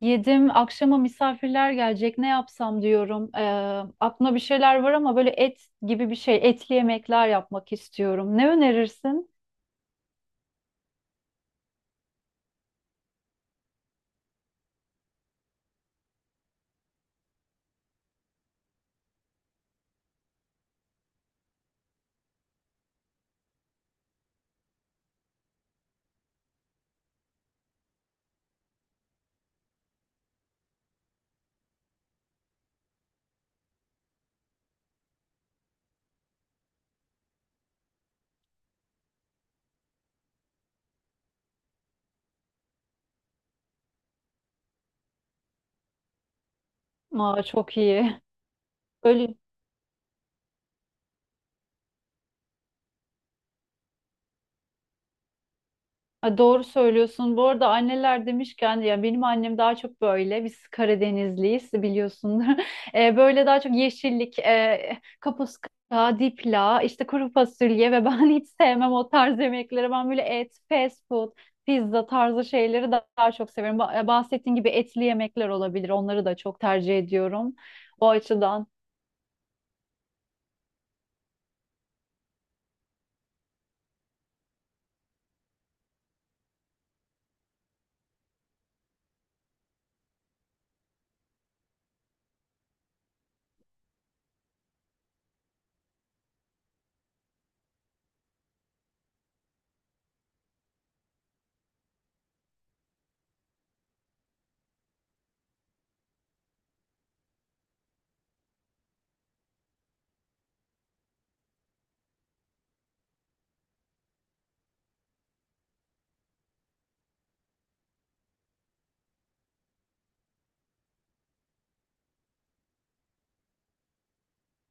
Yedim. Akşama misafirler gelecek. Ne yapsam diyorum. Aklımda bir şeyler var ama böyle et gibi bir şey, etli yemekler yapmak istiyorum. Ne önerirsin? Aa, çok iyi. Böyle Ay, doğru söylüyorsun. Bu arada anneler demişken ya benim annem daha çok böyle biz Karadenizliyiz biliyorsundur. Böyle daha çok yeşillik, kapuska, dipla, işte kuru fasulye ve ben hiç sevmem o tarz yemekleri. Ben böyle et, fast food, pizza tarzı şeyleri daha çok severim. Bahsettiğin gibi etli yemekler olabilir. Onları da çok tercih ediyorum. O açıdan.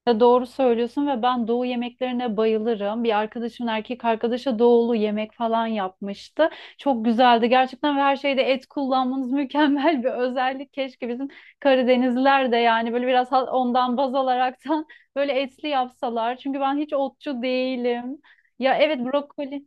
Ya doğru söylüyorsun ve ben doğu yemeklerine bayılırım. Bir arkadaşımın erkek arkadaşı doğulu yemek falan yapmıştı. Çok güzeldi gerçekten ve her şeyde et kullanmanız mükemmel bir özellik. Keşke bizim Karadenizliler de yani böyle biraz ondan baz alaraktan böyle etli yapsalar. Çünkü ben hiç otçu değilim. Ya evet, brokoli.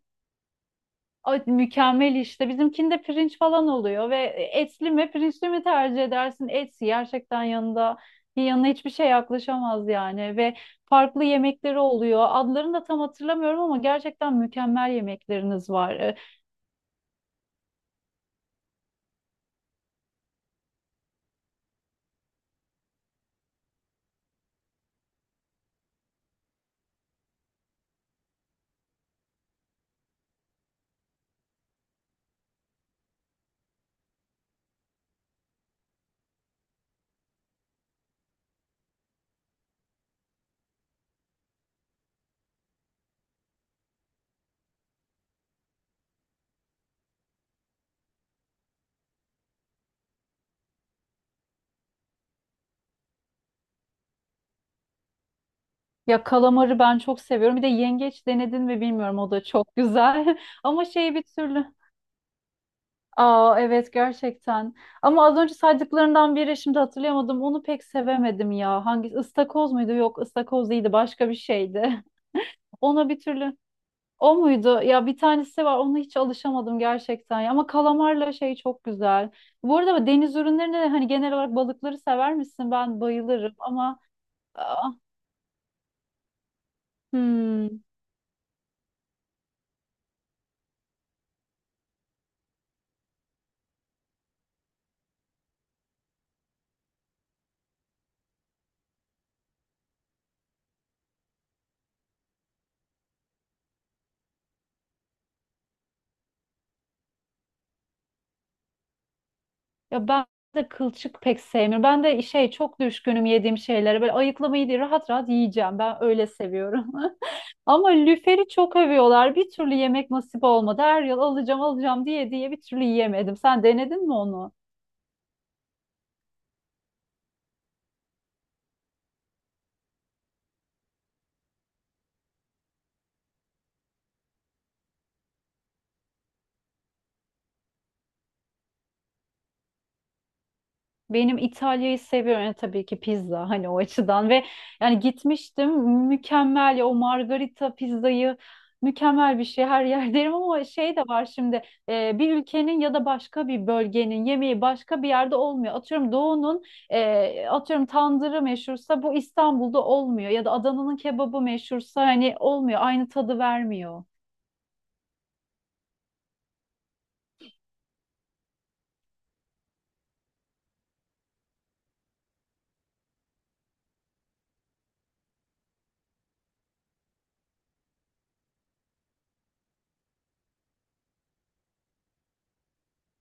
Ay, mükemmel işte. Bizimkinde pirinç falan oluyor ve etli mi pirinçli mi tercih edersin? Etsi gerçekten yanında yanına hiçbir şey yaklaşamaz yani ve farklı yemekleri oluyor. Adlarını da tam hatırlamıyorum ama gerçekten mükemmel yemekleriniz var. Ya kalamarı ben çok seviyorum. Bir de yengeç denedin mi bilmiyorum, o da çok güzel. Ama şey bir türlü. Aa, evet gerçekten. Ama az önce saydıklarından biri, şimdi hatırlayamadım. Onu pek sevemedim ya. Hangi ıstakoz muydu? Yok, ıstakoz değildi. Başka bir şeydi. Ona bir türlü o muydu? Ya bir tanesi var, ona hiç alışamadım gerçekten ya. Ama kalamarla şey çok güzel. Bu arada deniz ürünlerine de hani genel olarak balıkları sever misin? Ben bayılırım ama ah, hmm. Ya ben de kılçık pek sevmiyorum. Ben de şey çok düşkünüm yediğim şeylere. Böyle ayıklamayı değil, rahat rahat yiyeceğim. Ben öyle seviyorum. Ama lüferi çok övüyorlar. Bir türlü yemek nasip olmadı. Her yıl alacağım alacağım diye diye bir türlü yiyemedim. Sen denedin mi onu? Benim İtalya'yı seviyorum. Yani tabii ki pizza hani o açıdan ve yani gitmiştim, mükemmel ya o margarita pizzayı, mükemmel bir şey her yer derim ama şey de var şimdi, bir ülkenin ya da başka bir bölgenin yemeği başka bir yerde olmuyor. Atıyorum doğunun, atıyorum tandırı meşhursa bu İstanbul'da olmuyor ya da Adana'nın kebabı meşhursa hani olmuyor, aynı tadı vermiyor.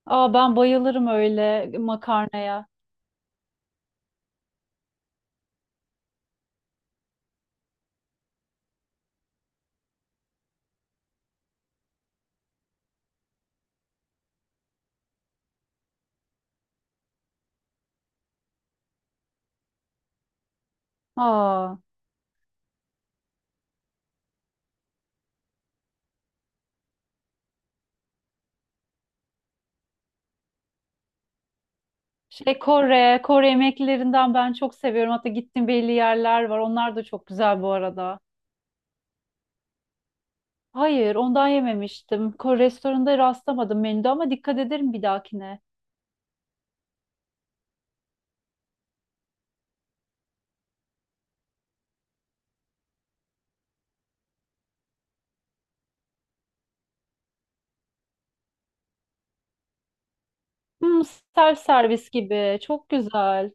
Aa, ben bayılırım öyle makarnaya. Aa. Şey Kore yemeklerinden ben çok seviyorum. Hatta gittiğim belli yerler var. Onlar da çok güzel bu arada. Hayır, ondan yememiştim. Kore restoranında rastlamadım menüde ama dikkat ederim bir dahakine. Hmm, self servis gibi. Çok güzel.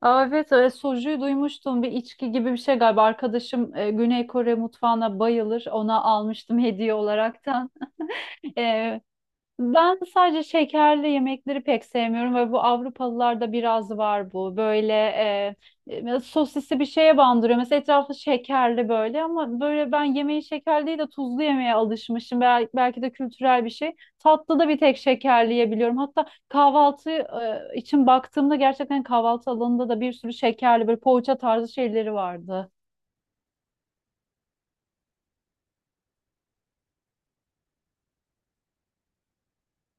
Aa, evet, sojuyu duymuştum. Bir içki gibi bir şey galiba. Arkadaşım Güney Kore mutfağına bayılır. Ona almıştım hediye olaraktan. Ben sadece şekerli yemekleri pek sevmiyorum ve bu Avrupalılarda biraz var bu. Böyle sosisli bir şeye bandırıyor. Mesela etrafı şekerli böyle ama böyle ben yemeği şekerli değil de tuzlu yemeye alışmışım. Belki de kültürel bir şey. Tatlı da bir tek şekerli yiyebiliyorum. Hatta kahvaltı için baktığımda gerçekten kahvaltı alanında da bir sürü şekerli böyle poğaça tarzı şeyleri vardı.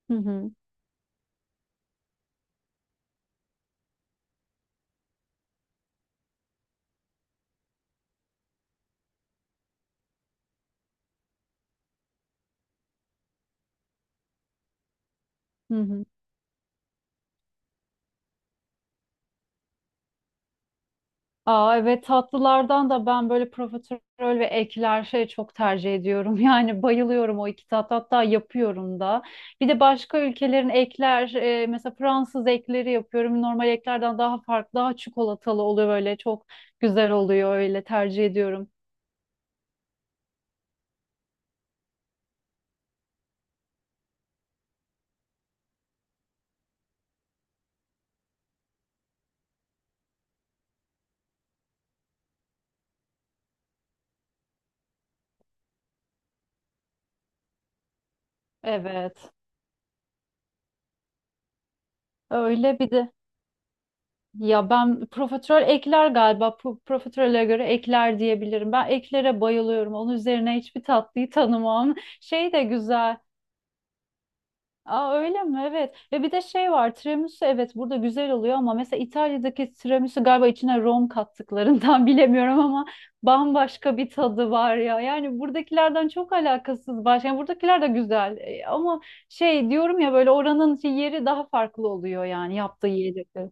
Hı hı. Hı hı. Aa, evet, tatlılardan da ben böyle profiterol ve ekler şey çok tercih ediyorum. Yani bayılıyorum o iki tat, hatta yapıyorum da. Bir de başka ülkelerin ekler mesela Fransız ekleri yapıyorum. Normal eklerden daha farklı, daha çikolatalı oluyor, böyle çok güzel oluyor, öyle tercih ediyorum. Evet öyle bir de ya ben profiterol ekler galiba, profiterole göre ekler diyebilirim. Ben eklere bayılıyorum, onun üzerine hiçbir tatlıyı tanımam. Şey de güzel. Aa, öyle mi? Evet. Ve bir de şey var. Tiramisu, evet burada güzel oluyor ama mesela İtalya'daki tiramisu galiba içine rom kattıklarından bilemiyorum ama bambaşka bir tadı var ya. Yani buradakilerden çok alakasız başka. Yani buradakiler de güzel, ama şey diyorum ya böyle oranın yeri daha farklı oluyor yani yaptığı yiyecekler.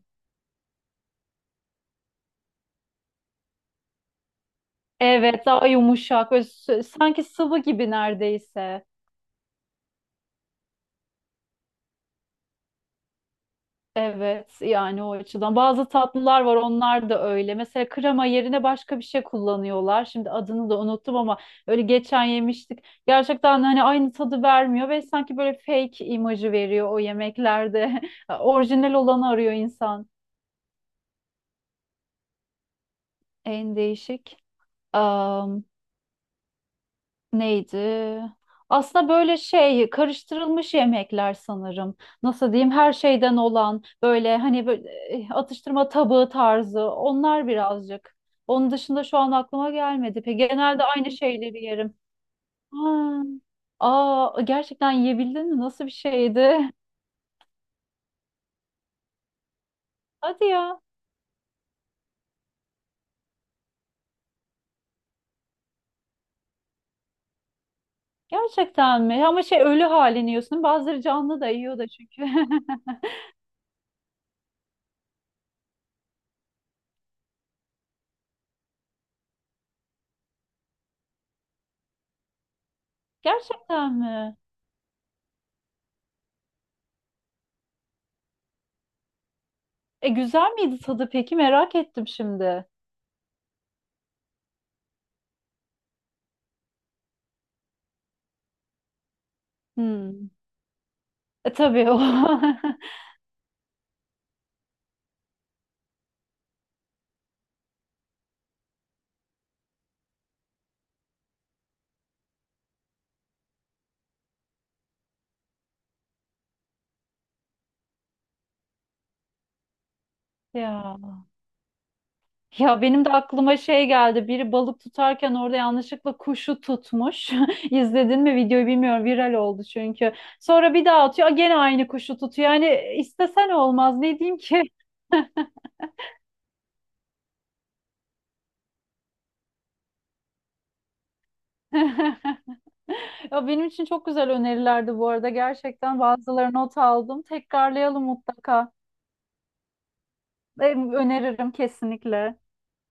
Evet, daha yumuşak ve sanki sıvı gibi neredeyse. Evet yani o açıdan. Bazı tatlılar var, onlar da öyle. Mesela krema yerine başka bir şey kullanıyorlar. Şimdi adını da unuttum ama öyle geçen yemiştik. Gerçekten hani aynı tadı vermiyor ve sanki böyle fake imajı veriyor o yemeklerde. Orijinal olanı arıyor insan. En değişik. Neydi? Aslında böyle şey karıştırılmış yemekler sanırım. Nasıl diyeyim? Her şeyden olan böyle hani böyle atıştırma tabağı tarzı onlar birazcık. Onun dışında şu an aklıma gelmedi. Peki genelde aynı şeyleri yerim. Ha. Aa, gerçekten yiyebildin mi? Nasıl bir şeydi? Hadi ya. Gerçekten mi? Ama şey ölü halini yiyorsun. Bazıları canlı da yiyor da çünkü. Gerçekten mi? E güzel miydi tadı peki? Merak ettim şimdi. Hmm. E, tabii o. Ya. Ya benim de aklıma şey geldi. Biri balık tutarken orada yanlışlıkla kuşu tutmuş. İzledin mi videoyu bilmiyorum. Viral oldu çünkü. Sonra bir daha atıyor. "Aa, gene aynı kuşu tutuyor." Yani istesen olmaz. Ne diyeyim ki? Ya benim için çok güzel önerilerdi bu arada. Gerçekten bazıları not aldım. Tekrarlayalım mutlaka. Ben öneririm kesinlikle.